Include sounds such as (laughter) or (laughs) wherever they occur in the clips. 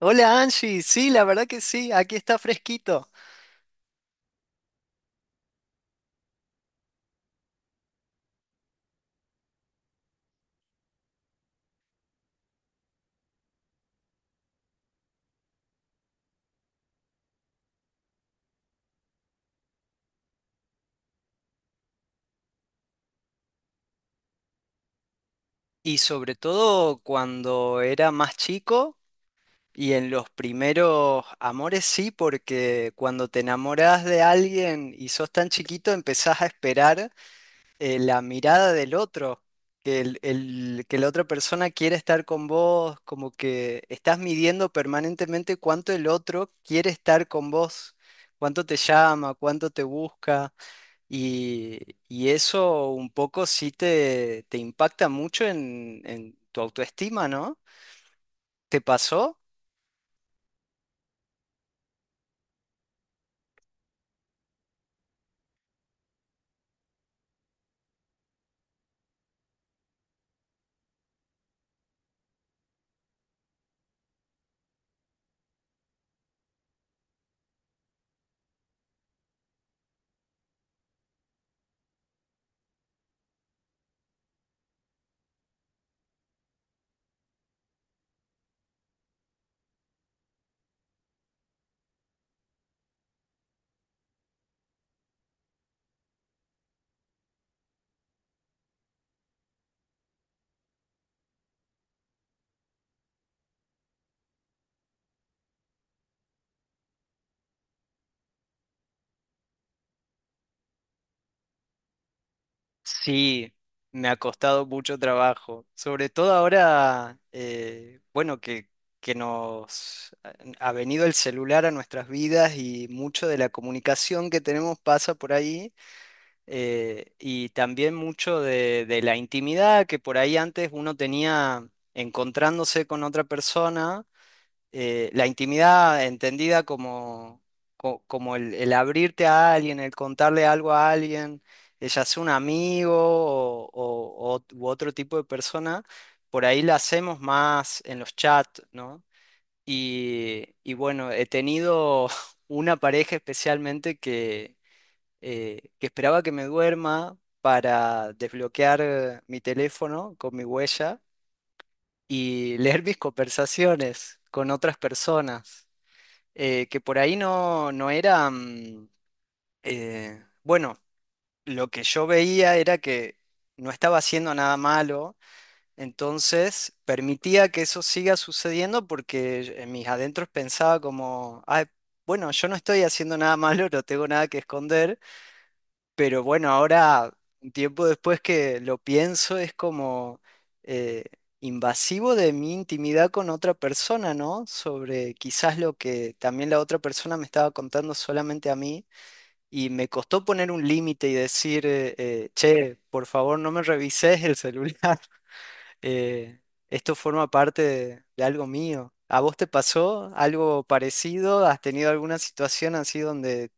Hola Angie, sí, la verdad que sí, aquí está fresquito. Y sobre todo cuando era más chico y en los primeros amores sí, porque cuando te enamoras de alguien y sos tan chiquito empezás a esperar la mirada del otro, que la otra persona quiere estar con vos, como que estás midiendo permanentemente cuánto el otro quiere estar con vos, cuánto te llama, cuánto te busca. Y, y eso un poco sí te impacta mucho en tu autoestima, ¿no? ¿Te pasó? Sí, me ha costado mucho trabajo. Sobre todo ahora, bueno, que nos ha venido el celular a nuestras vidas y mucho de la comunicación que tenemos pasa por ahí. Y también mucho de la intimidad que por ahí antes uno tenía encontrándose con otra persona, la intimidad entendida como, como el abrirte a alguien, el contarle algo a alguien, ya sea un amigo u otro tipo de persona, por ahí la hacemos más en los chats, ¿no? Y bueno, he tenido (laughs) una pareja especialmente que esperaba que me duerma para desbloquear mi teléfono con mi huella y (laughs) leer mis conversaciones con otras personas, que por ahí no era, bueno, lo que yo veía era que no estaba haciendo nada malo, entonces permitía que eso siga sucediendo porque en mis adentros pensaba como, "Ay, bueno, yo no estoy haciendo nada (laughs) malo, no tengo nada que esconder". Pero bueno, ahora, un tiempo después que lo pienso, es como eh, invasivo de mi intimidad con otra persona, ¿no? Sobre quizás lo que también la otra persona me estaba contando solamente a mí. Y me costó poner un límite y decir, che, por favor, no me revises el celular. (laughs) eh, esto forma parte de algo mío. ¿A vos te pasó algo parecido? ¿Has tenido alguna situación así donde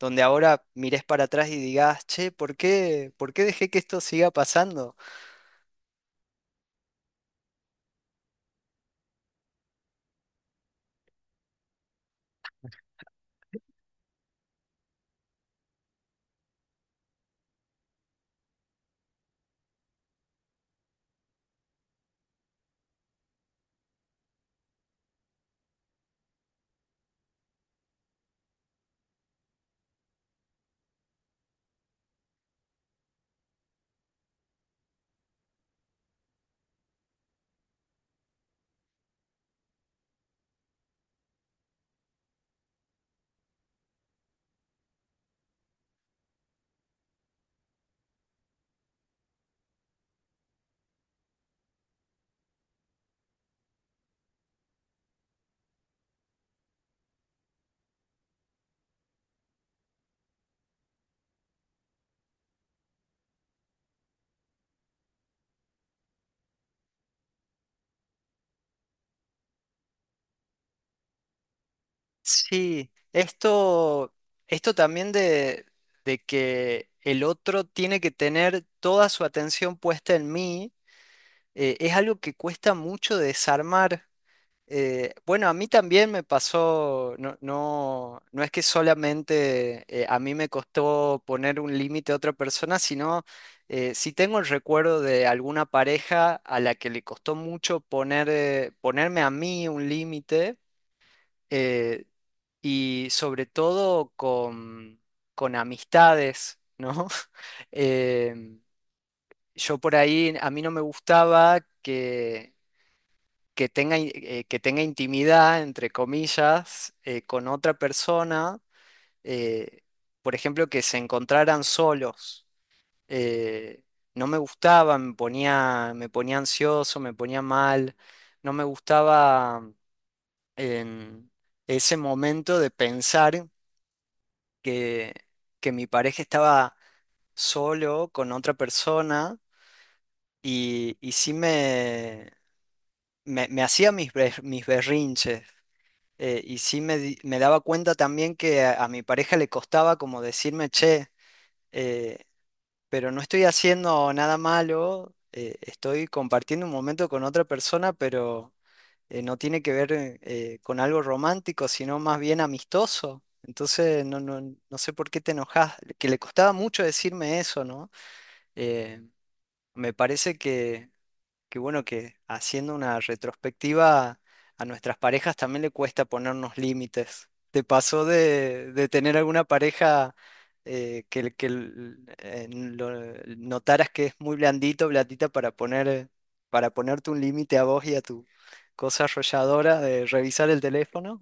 donde ahora mires para atrás y digas, che, por qué dejé que esto siga pasando? Sí, esto también de que el otro tiene que tener toda su atención puesta en mí, es algo que cuesta mucho desarmar. Bueno, a mí también me pasó, no es que solamente a mí me costó poner un límite a otra persona, sino sí tengo el recuerdo de alguna pareja a la que le costó mucho poner, ponerme a mí un límite, eh, y sobre todo con amistades, ¿no? (laughs) Em, yo por ahí, a mí no me gustaba que que tenga intimidad, entre comillas, con otra persona, eh, por ejemplo, que se encontraran solos. Eh, no me gustaba, me ponía ansioso, me ponía mal, no me gustaba en ese momento de pensar que, que mi pareja estaba solo con otra persona, y sí me hacía mis berrinches. Y sí me daba cuenta también que a mi pareja le costaba como decirme, che, eh, pero no estoy haciendo nada malo, estoy compartiendo un momento con otra persona, pero no tiene que ver con algo romántico, sino más bien amistoso. Entonces, no sé por qué te enojas, que le costaba mucho decirme eso, ¿no? Eh, Me parece que... Qué bueno que haciendo una retrospectiva a nuestras parejas también le cuesta ponernos límites. ¿Te pasó de tener alguna pareja que, que notaras que es muy blandita para poner, para ponerte un límite a vos y a tu cosa arrolladora de revisar el teléfono?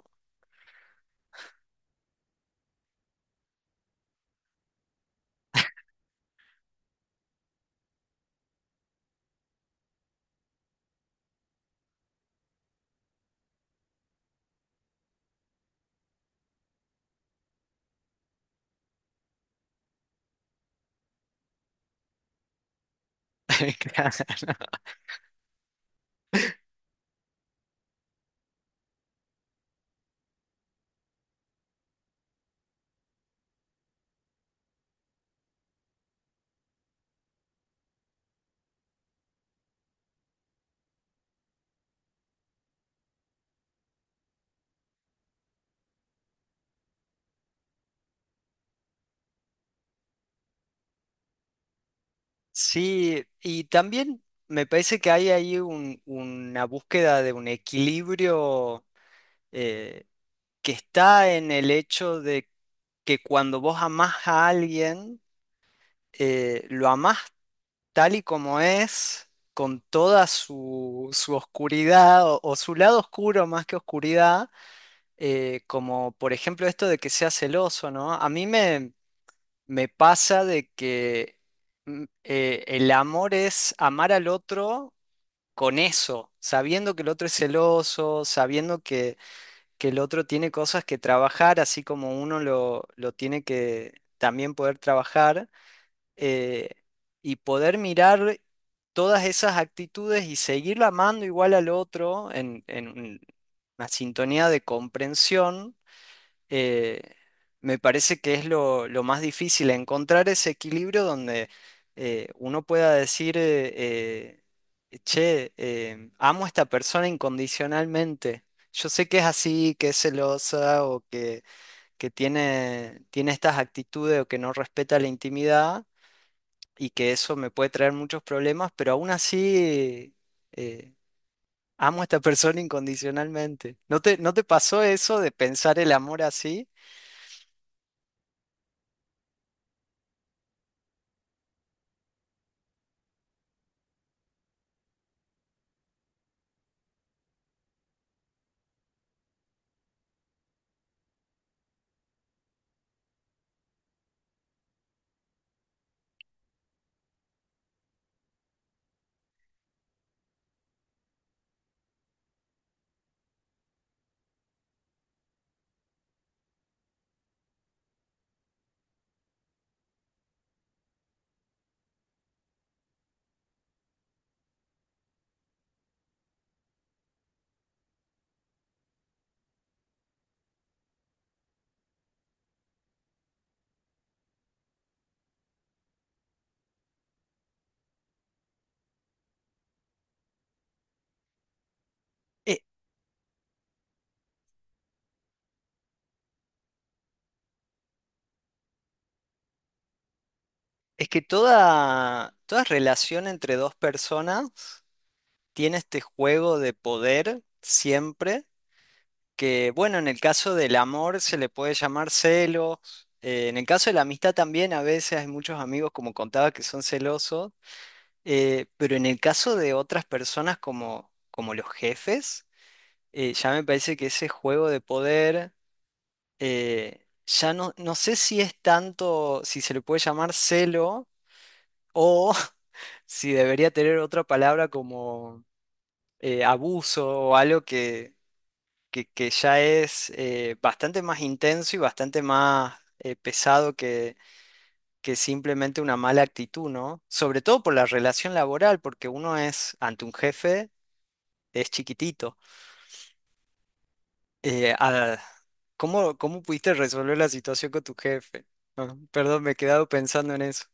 (laughs) Claro. Sí, y también me parece que hay ahí una búsqueda de un equilibrio. eh, que está en el hecho de que cuando vos amás a alguien, lo amás tal y como es, con toda su, su oscuridad o su lado oscuro más que oscuridad, como por ejemplo esto de que sea celoso, ¿no? A mí me pasa de que el amor es amar al otro con eso, sabiendo que el otro es celoso, sabiendo que el otro tiene cosas que trabajar, así como uno lo tiene que también poder trabajar, eh, y poder mirar todas esas actitudes y seguir amando igual al otro en una sintonía de comprensión. eh, Me parece que es lo más difícil, encontrar ese equilibrio donde uno pueda decir, che, amo a esta persona incondicionalmente. Yo sé que es así, que es celosa o que tiene, tiene estas actitudes o que no respeta la intimidad y que eso me puede traer muchos problemas, pero aún así eh, amo a esta persona incondicionalmente. ¿No te, no te pasó eso de pensar el amor así? E- Es que toda, toda relación entre dos personas tiene este juego de poder siempre, que bueno, en el caso del amor se le puede llamar celos, en el caso de la amistad también a veces hay muchos amigos, como contaba, que son celosos, pero en el caso de otras personas como, como los jefes, ya me parece que ese juego de poder, ya no, no sé si es tanto, si se le puede llamar celo. O sí, debería tener otra palabra como abuso o algo que, que ya es bastante más intenso y bastante más pesado que simplemente una mala actitud, ¿no? Sobre todo por la relación laboral, porque uno es, ante un jefe, es chiquitito. Eh, ah, ¿Cómo, cómo pudiste resolver la situación con tu jefe? Ah, perdón, me he quedado pensando en eso.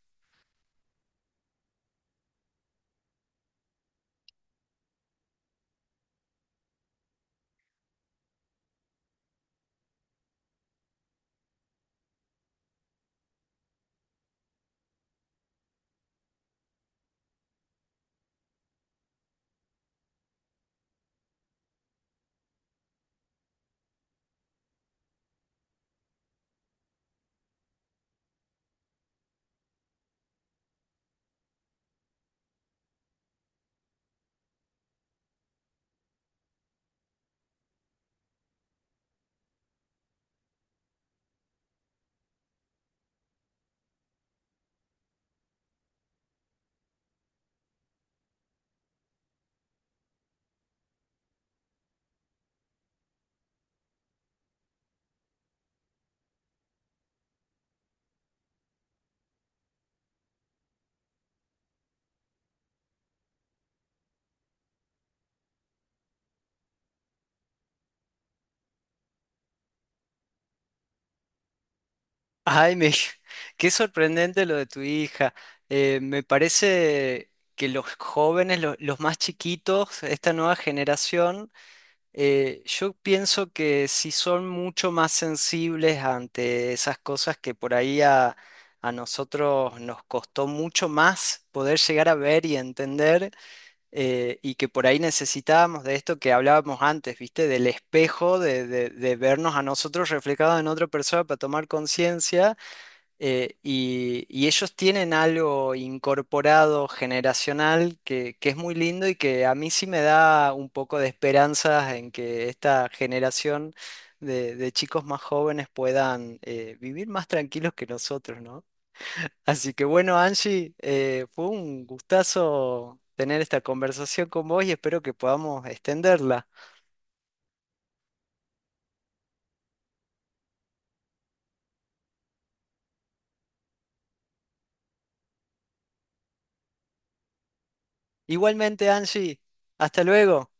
Ay, (laughs) qué sorprendente lo de tu hija. Me parece que los jóvenes, los más chiquitos, esta nueva generación, yo pienso que sí son mucho más sensibles ante esas cosas que por ahí a nosotros nos costó mucho más poder llegar a ver y entender, y que por ahí necesitábamos de esto que hablábamos antes, ¿viste? Del espejo, de, de vernos a nosotros reflejados en otra persona para tomar conciencia. Y, y ellos tienen algo incorporado generacional que es muy lindo y que a mí sí me da un poco de esperanzas en que esta generación de chicos más jóvenes puedan vivir más tranquilos que nosotros, ¿no? Así que bueno, Angie, fue un gustazo tener esta conversación con vos y espero que podamos extenderla. Igualmente, Angie, hasta luego.